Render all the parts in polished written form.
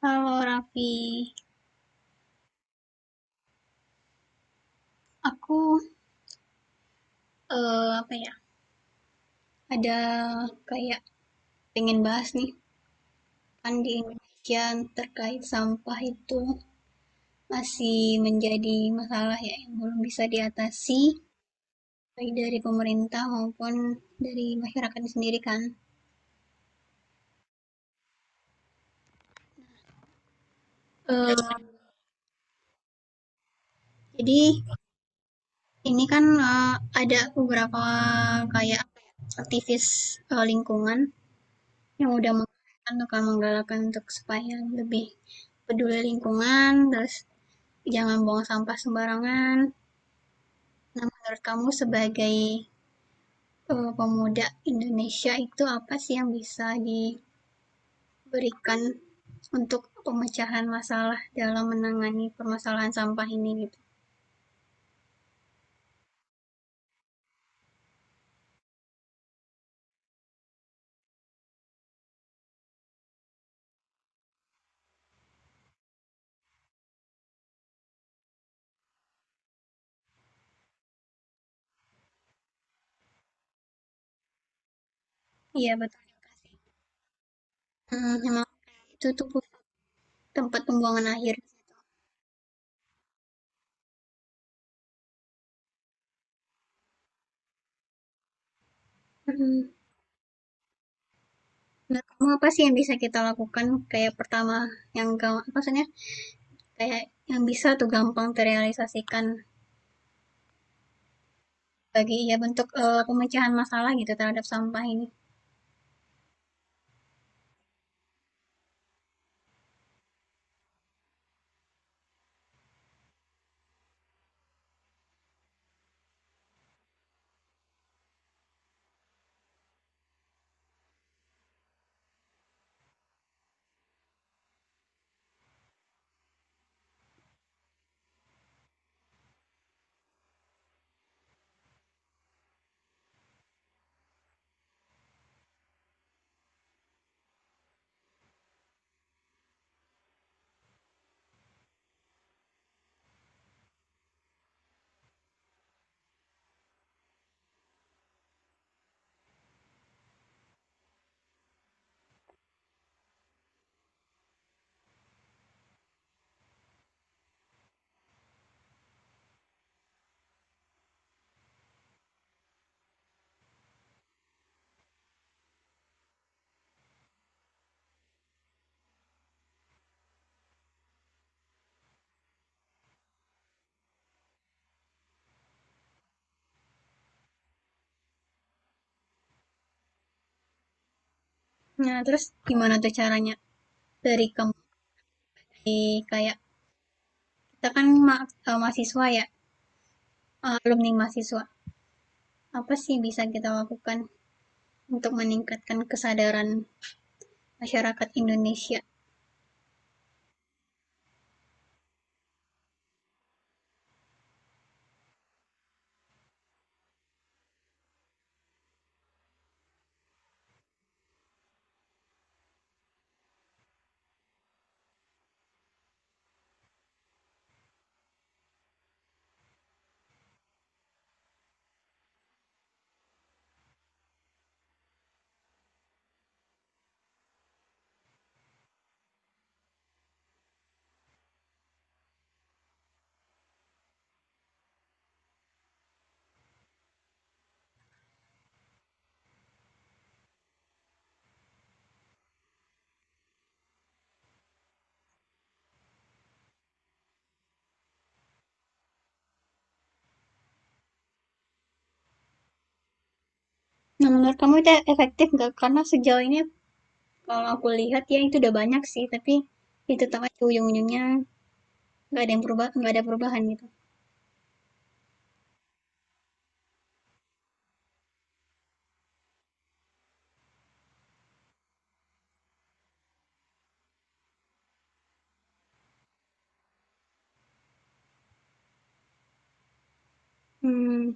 Kalau Raffi, aku, eee, apa ya, ada kayak pengen bahas nih, kan di Indonesia terkait sampah itu masih menjadi masalah ya yang belum bisa diatasi, baik dari pemerintah maupun dari masyarakat sendiri kan. Eee, jadi ini kan, eee, ada beberapa aktivis, lingkungan yang udah menggalakkan menggalakkan untuk supaya lebih peduli lingkungan, terus jangan buang sampah sembarangan. Nah, menurut kamu sebagai, pemuda Indonesia itu apa sih yang bisa diberikan untuk pemecahan masalah dalam menangani permasalahan sampah ini gitu? Iya betul, terima kasih. Mhm, emang itu tuh tempat pembuangan akhir. Hmm. Nah, kamu apa sih yang bisa kita lakukan, kayak pertama yang ga, maksudnya kayak yang bisa tuh gampang terrealisasikan bagi ya bentuk, pemecahan masalah gitu terhadap sampah ini? Nah, terus gimana tuh caranya dari kamu kayak kita kan mahasiswa ya, eh, alumni mahasiswa. Apa sih bisa kita lakukan untuk meningkatkan kesadaran masyarakat Indonesia? Nah, menurut kamu itu efektif nggak? Karena sejauh ini kalau aku lihat ya itu udah banyak sih, tapi itu tetap aja ujung-ujungnya nggak ada yang berubah, nggak ada perubahan gitu. Hmm.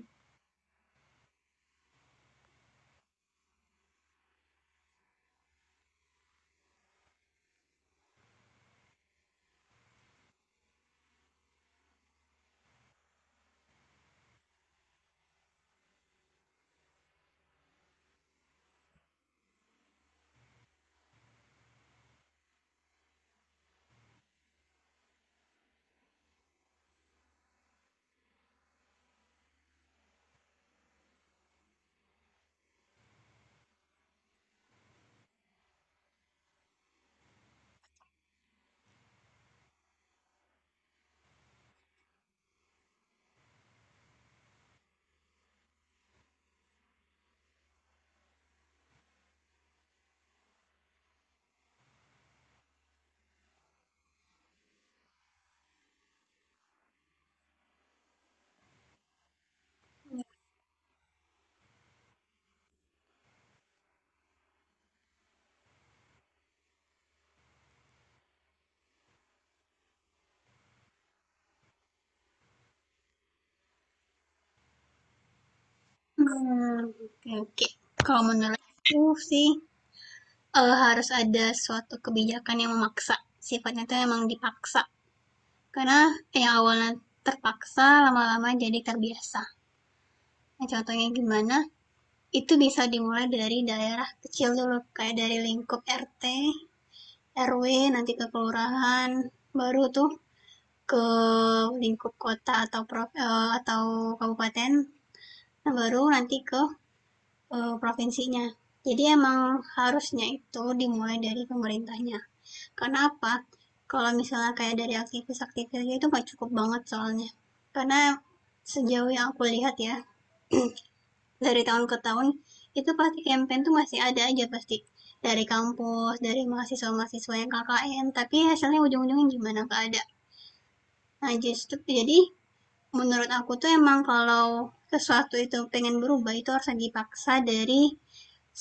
Hmm, oke oke. Kalau menurut aku sih, harus ada suatu kebijakan yang memaksa, sifatnya itu memang dipaksa. Karena yang awalnya terpaksa, lama-lama jadi terbiasa. Nah, contohnya gimana, itu bisa dimulai dari daerah kecil dulu, kayak dari lingkup RT, RW, nanti ke kelurahan, baru tuh ke lingkup kota atau atau kabupaten, nah baru nanti ke provinsinya. Jadi emang harusnya itu dimulai dari pemerintahnya. Karena apa? Kalau misalnya kayak dari aktivis-aktivis itu nggak cukup banget soalnya. Karena sejauh yang aku lihat ya, dari tahun ke tahun itu pasti campaign tuh masih ada aja pasti. Dari kampus, dari mahasiswa-mahasiswa yang KKN, tapi hasilnya ujung-ujungnya gimana? Nggak ada. Nah, justru jadi menurut aku tuh emang kalau sesuatu itu pengen berubah itu harus dipaksa dari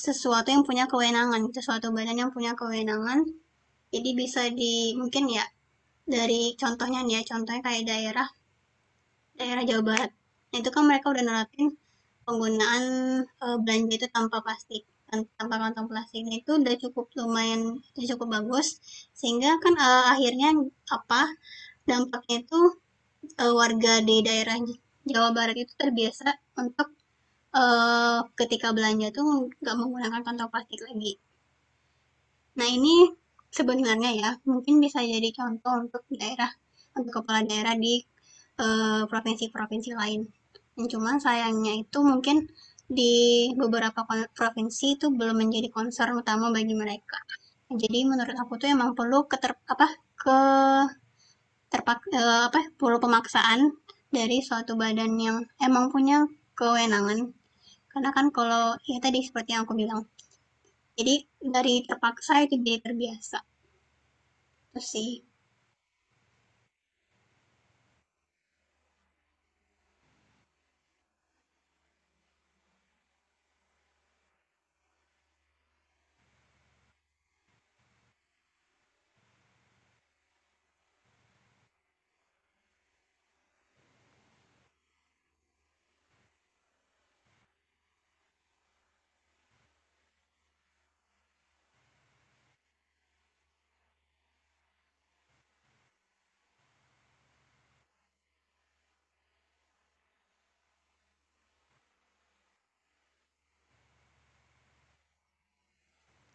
sesuatu yang punya kewenangan, sesuatu badan yang punya kewenangan. Jadi bisa di mungkin ya dari contohnya nih ya, contohnya kayak daerah daerah Jawa Barat. Nah, itu kan mereka udah nerapin penggunaan eh, belanja itu tanpa plastik, tanpa kantong plastik. Nah, itu udah cukup lumayan, udah cukup bagus. Sehingga kan eh, akhirnya apa dampaknya itu, warga di daerah Jawa Barat itu terbiasa untuk, ketika belanja tuh nggak menggunakan kantong plastik lagi. Nah, ini sebenarnya ya, mungkin bisa jadi contoh untuk daerah, untuk kepala daerah di, provinsi-provinsi lain. Cuman sayangnya itu mungkin di beberapa provinsi itu belum menjadi concern utama bagi mereka. Jadi menurut aku tuh emang perlu keter apa, ke terpak eh, apa perlu pemaksaan dari suatu badan yang emang punya kewenangan, karena kan kalau ya tadi seperti yang aku bilang, jadi dari terpaksa itu jadi terbiasa, itu sih.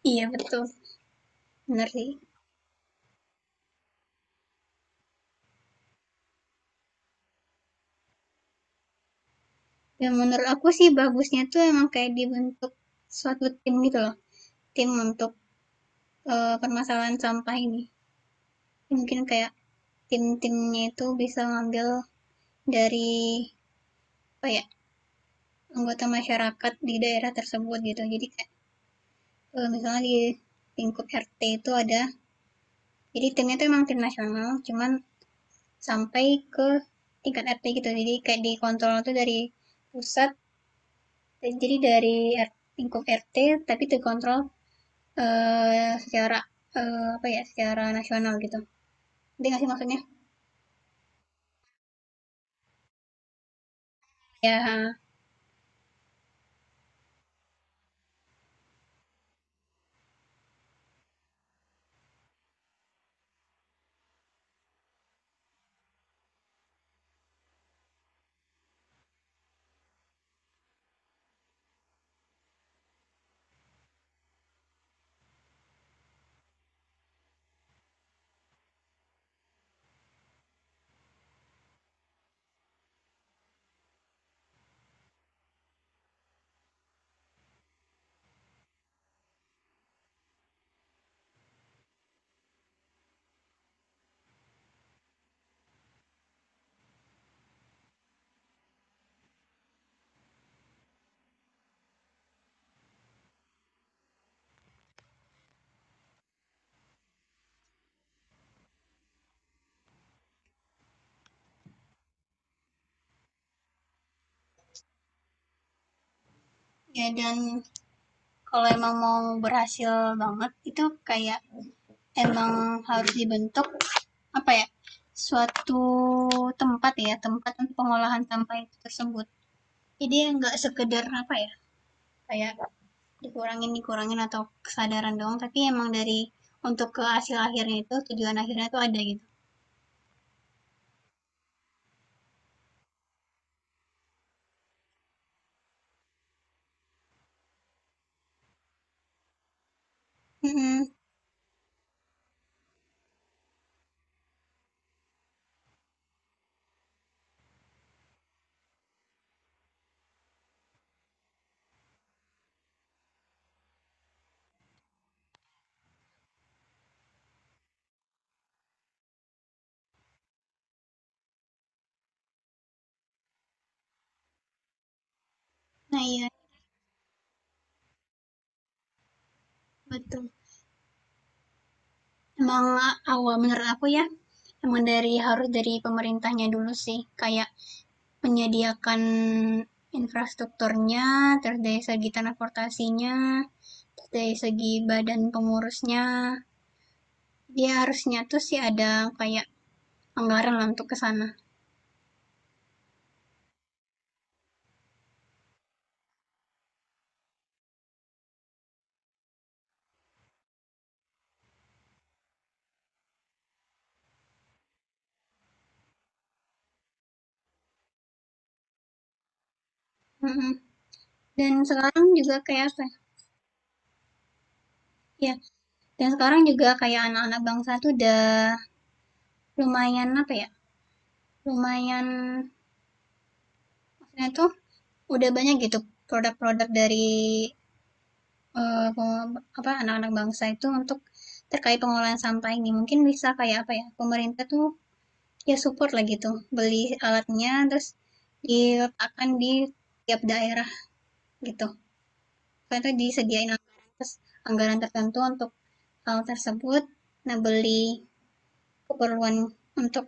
Iya betul, bener sih. Dan menurut aku sih bagusnya tuh emang kayak dibentuk suatu tim gitu loh, tim untuk eh, permasalahan sampah ini, mungkin kayak tim-timnya itu bisa ngambil dari apa ya, anggota masyarakat di daerah tersebut gitu, jadi eh, misalnya di lingkup RT itu ada, jadi timnya itu emang tim nasional cuman sampai ke tingkat RT gitu, jadi kayak dikontrol itu dari pusat, jadi dari lingkup RT tapi dikontrol eh, secara eh, apa ya, secara nasional gitu, nanti nggak sih maksudnya. Ya ya, dan kalau emang mau berhasil banget itu kayak emang harus dibentuk apa ya, suatu tempat, ya tempat untuk pengolahan sampah itu tersebut. Jadi nggak sekedar apa ya, kayak dikurangin dikurangin atau kesadaran doang, tapi emang dari untuk ke hasil akhirnya itu, tujuan akhirnya itu ada gitu. Mhm. Nah iya betul. Emang awal menurut aku ya, emang dari harus dari pemerintahnya dulu sih, kayak menyediakan infrastrukturnya, terus dari segi transportasinya, terus dari segi badan pengurusnya, dia harusnya tuh sih ada kayak anggaran lah untuk kesana. Mhm. Dan sekarang juga kayak apa ya, iya, dan sekarang juga kayak anak-anak bangsa tuh udah lumayan apa ya, lumayan maksudnya tuh udah banyak gitu produk-produk dari eh, peng- apa anak-anak bangsa itu untuk terkait pengolahan sampah ini. Mungkin bisa kayak apa ya, pemerintah tuh ya support lah gitu, beli alatnya terus diletakkan di tiap daerah gitu. Karena disediain anggaran, terus anggaran tertentu untuk hal tersebut. Nah, beli keperluan untuk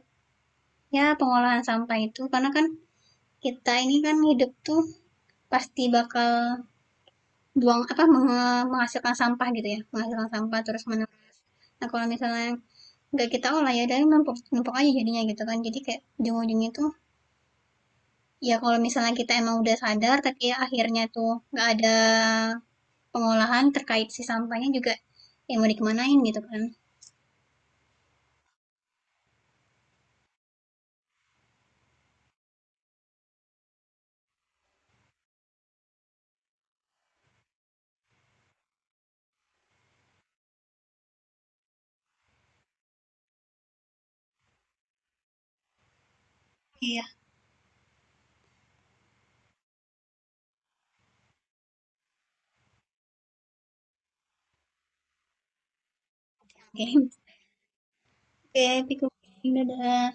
ya pengolahan sampah itu, karena kan kita ini kan hidup tuh pasti bakal buang apa menghasilkan sampah gitu, ya menghasilkan sampah terus menerus. Nah kalau misalnya nggak kita olah ya, dari numpuk numpuk aja jadinya gitu kan, jadi kayak ujung-ujungnya tuh ya kalau misalnya kita emang udah sadar tapi ya akhirnya tuh nggak ada pengolahan terkait si sampahnya juga, yang mau dikemanain gitu kan. Iya, oke oke, pikir, dadah.